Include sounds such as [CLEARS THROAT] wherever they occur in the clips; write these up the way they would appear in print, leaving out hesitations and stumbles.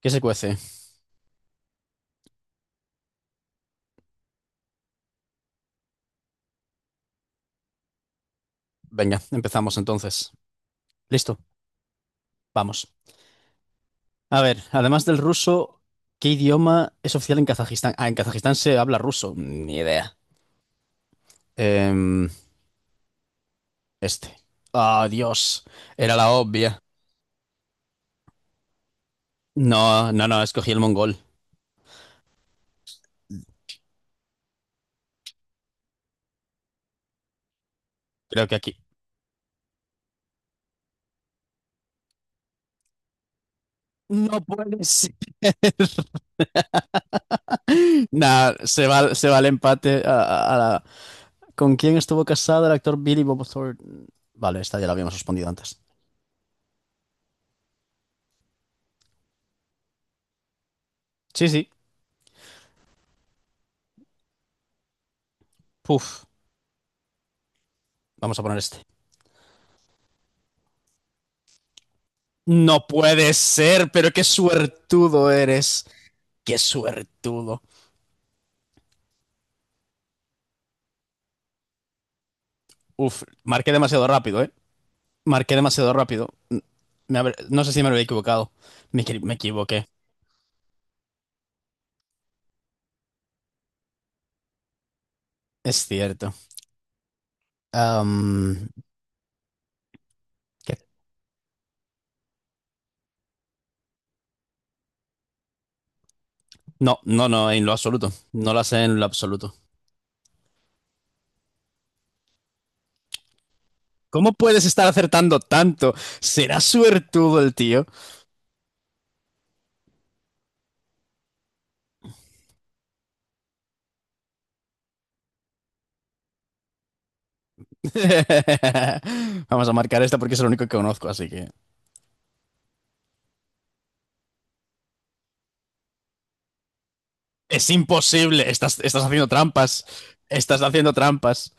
¿Qué se cuece? Venga, empezamos entonces. Listo, vamos. A ver, además del ruso, ¿qué idioma es oficial en Kazajistán? Ah, en Kazajistán se habla ruso. Ni idea. Em, este. Ah, Dios. Era la obvia. No, no, no, escogí el mongol. Creo que aquí. No puede ser. [LAUGHS] Nah, se va el empate ¿Con quién estuvo casado el actor Billy Bob Thornton? Vale, esta ya la habíamos respondido antes. Sí, sí. Puf. Vamos a poner este. No puede ser, pero qué suertudo eres. Qué suertudo. Uf, marqué demasiado rápido, ¿eh? Marqué demasiado rápido. No sé si me habría equivocado. Me equivoqué. Es cierto. Am, ¿Qué? No, no, no, en lo absoluto. No lo sé en lo absoluto. ¿Cómo puedes estar acertando tanto? Será suertudo el tío. [LAUGHS] Vamos a marcar esta porque es lo único que conozco, así que... Es imposible. Estás haciendo trampas. Estás haciendo trampas.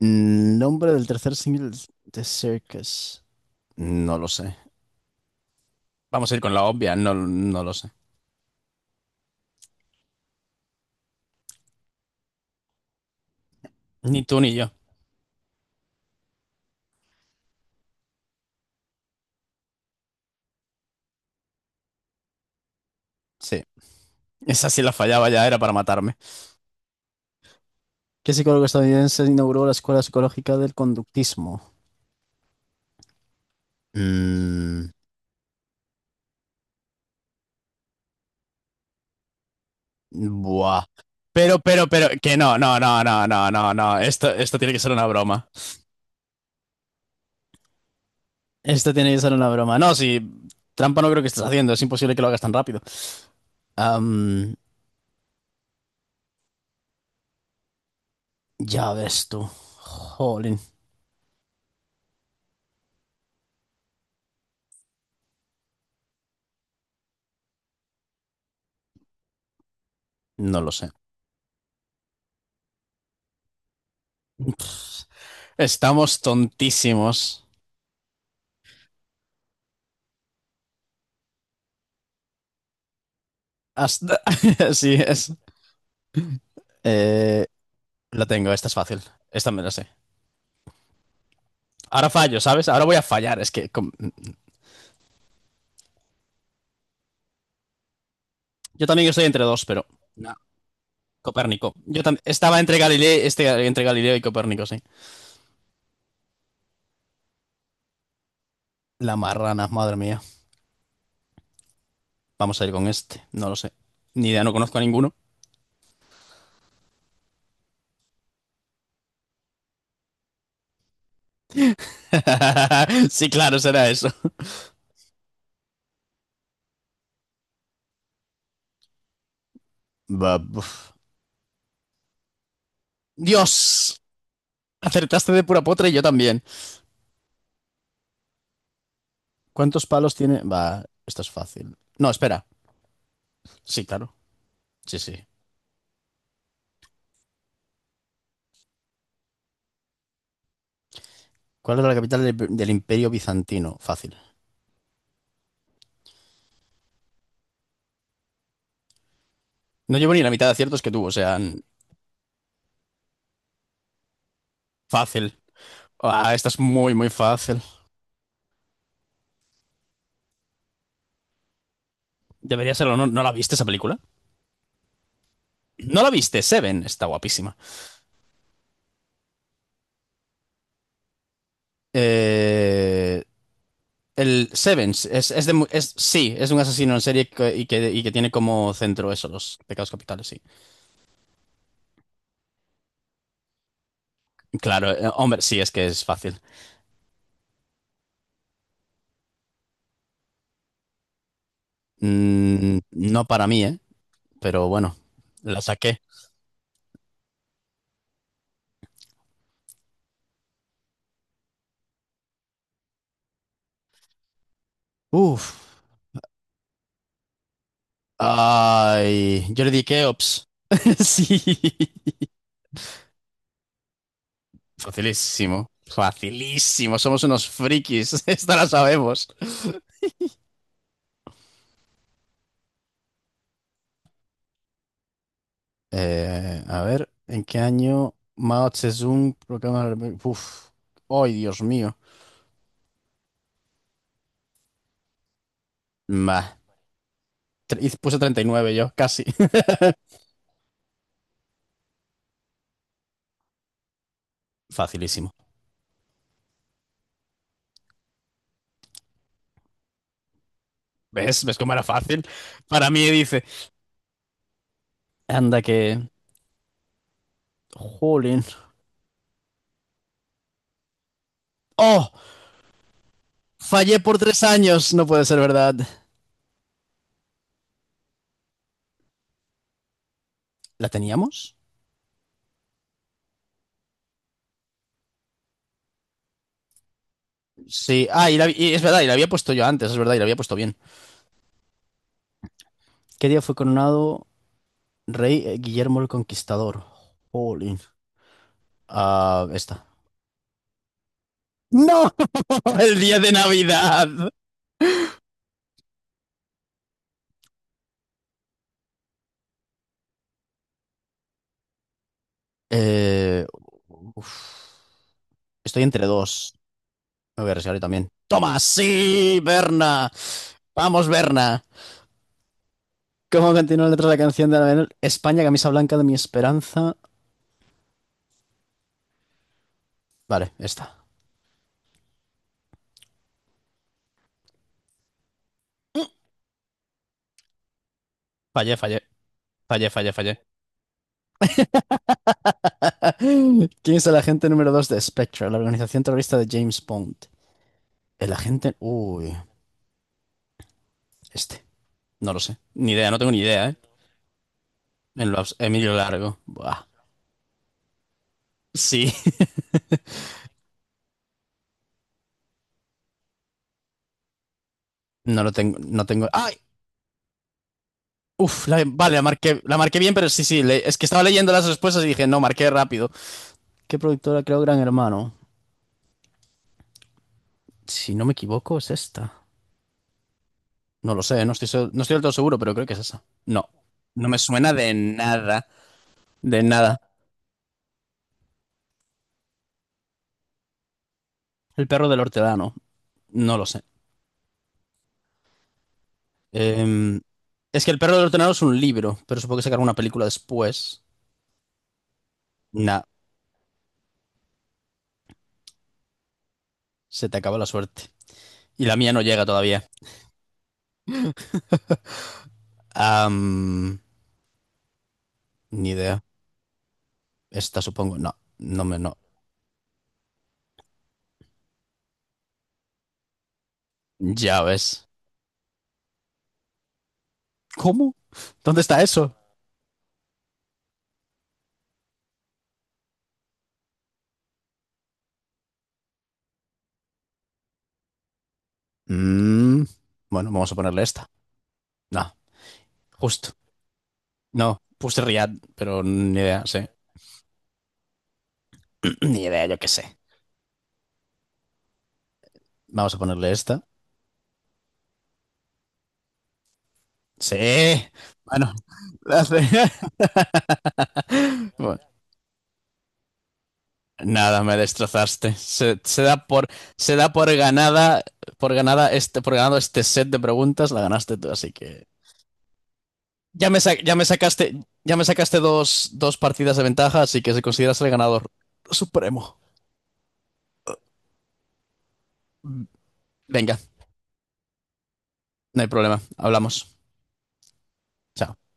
Nombre del tercer single de Circus. No lo sé. Vamos a ir con la obvia, no, no lo sé. Ni tú ni yo. Sí. Esa sí la fallaba ya, era para matarme. ¿Qué psicólogo estadounidense inauguró la Escuela Psicológica del Conductismo? Mm, buah. Pero que no, no, no, no, no, no, no. Esto tiene que ser una broma. Esto tiene que ser una broma. No, si trampa no creo que estés haciendo, es imposible que lo hagas tan rápido. Am, ya ves tú. Jolín. No lo sé. Estamos tontísimos. Hasta... [LAUGHS] sí, es. Eh, la tengo, esta es fácil. Esta me la sé. Ahora fallo, ¿sabes? Ahora voy a fallar. Yo también estoy entre dos, pero. No. Copérnico. Estaba entre Galileo, este, entre Galileo y Copérnico, sí. La marrana, madre mía. Vamos a ir con este. No lo sé. Ni idea, no conozco a ninguno. [LAUGHS] sí, claro, será eso. Va, uf. Dios. Acertaste de pura potra y yo también. ¿Cuántos palos tiene? Va, esto es fácil. No, espera. Sí, claro. Sí, sí. ¿Cuál era la capital del Imperio Bizantino? Fácil. No llevo ni la mitad de aciertos que tú, o sea, fácil. Ah, esta es muy, muy fácil. Debería serlo. ¿No, no la viste esa película? No la viste, Seven. Está guapísima. Eh, el Seven es sí, es un asesino en serie que tiene como centro eso, los pecados capitales, sí. Claro, hombre, sí, es que es fácil. Mm, no para mí, ¿eh? Pero bueno, la saqué. Uf. Ay, yo le Jordi Keops. [LAUGHS] Sí. Facilísimo. Facilísimo. Somos unos frikis. [LAUGHS] Esta la sabemos. A ver, ¿en qué año Mao Zedong proclama la República? Uf. Ay, Dios mío. Bah. Puse 39 yo, casi. [LAUGHS] Facilísimo. ¿Ves? ¿Ves cómo era fácil? Para mí dice. Anda que... Jolín. ¡Oh! Fallé por tres años. No puede ser verdad. ¿La teníamos? Sí, ah, y es verdad, y la había puesto yo antes, es verdad, y la había puesto bien. ¿Qué día fue coronado rey Guillermo el Conquistador? Jolín. Ah, esta. ¡No! [LAUGHS] ¡El día de Navidad! Eh, uf. Estoy entre dos. Me voy a arriesgar yo también. ¡Toma! ¡Sí, Berna! ¡Vamos, Berna! ¿Cómo continúa la letra de la canción de la España, camisa blanca de mi esperanza? Vale, esta. Fallé, fallé, fallé. ¿Quién es el agente número 2 de Spectre, la organización terrorista de James Bond? El agente... Uy, este. No lo sé. Ni idea, no tengo ni idea, ¿eh? Emilio Largo. Buah. Sí. [LAUGHS] No lo tengo, no tengo... ¡Ay! Vale, la marqué bien, pero es que estaba leyendo las respuestas y dije, no, marqué rápido. ¿Qué productora creó Gran Hermano? Si no me equivoco, es esta. No lo sé, no estoy, se- No estoy del todo seguro, pero creo que es esa. No, no me suena de nada. El perro del hortelano, no lo sé. Em, es que El perro del ordenador es un libro, pero supongo que sacar una película después. Nah, se te acaba la suerte. Y la mía no llega todavía. Am, ni idea. Esta supongo. No, no me no. Ya ves. ¿Cómo? ¿Dónde está eso? Mm, bueno, vamos a ponerle esta. No, justo. No, puse Riad, pero ni idea, sí. [CLEARS THROAT] Ni idea, yo qué sé. Vamos a ponerle esta. Sí. Bueno, [LAUGHS] la hace- [LAUGHS] Bueno. Nada, me destrozaste. Se da por ganada, por ganado este set de preguntas, la ganaste tú, así que ya me, sa- ya me sacaste, ya me sacaste dos, dos partidas de ventaja, así que se consideras el ganador supremo. Venga, no hay problema, hablamos. Chao.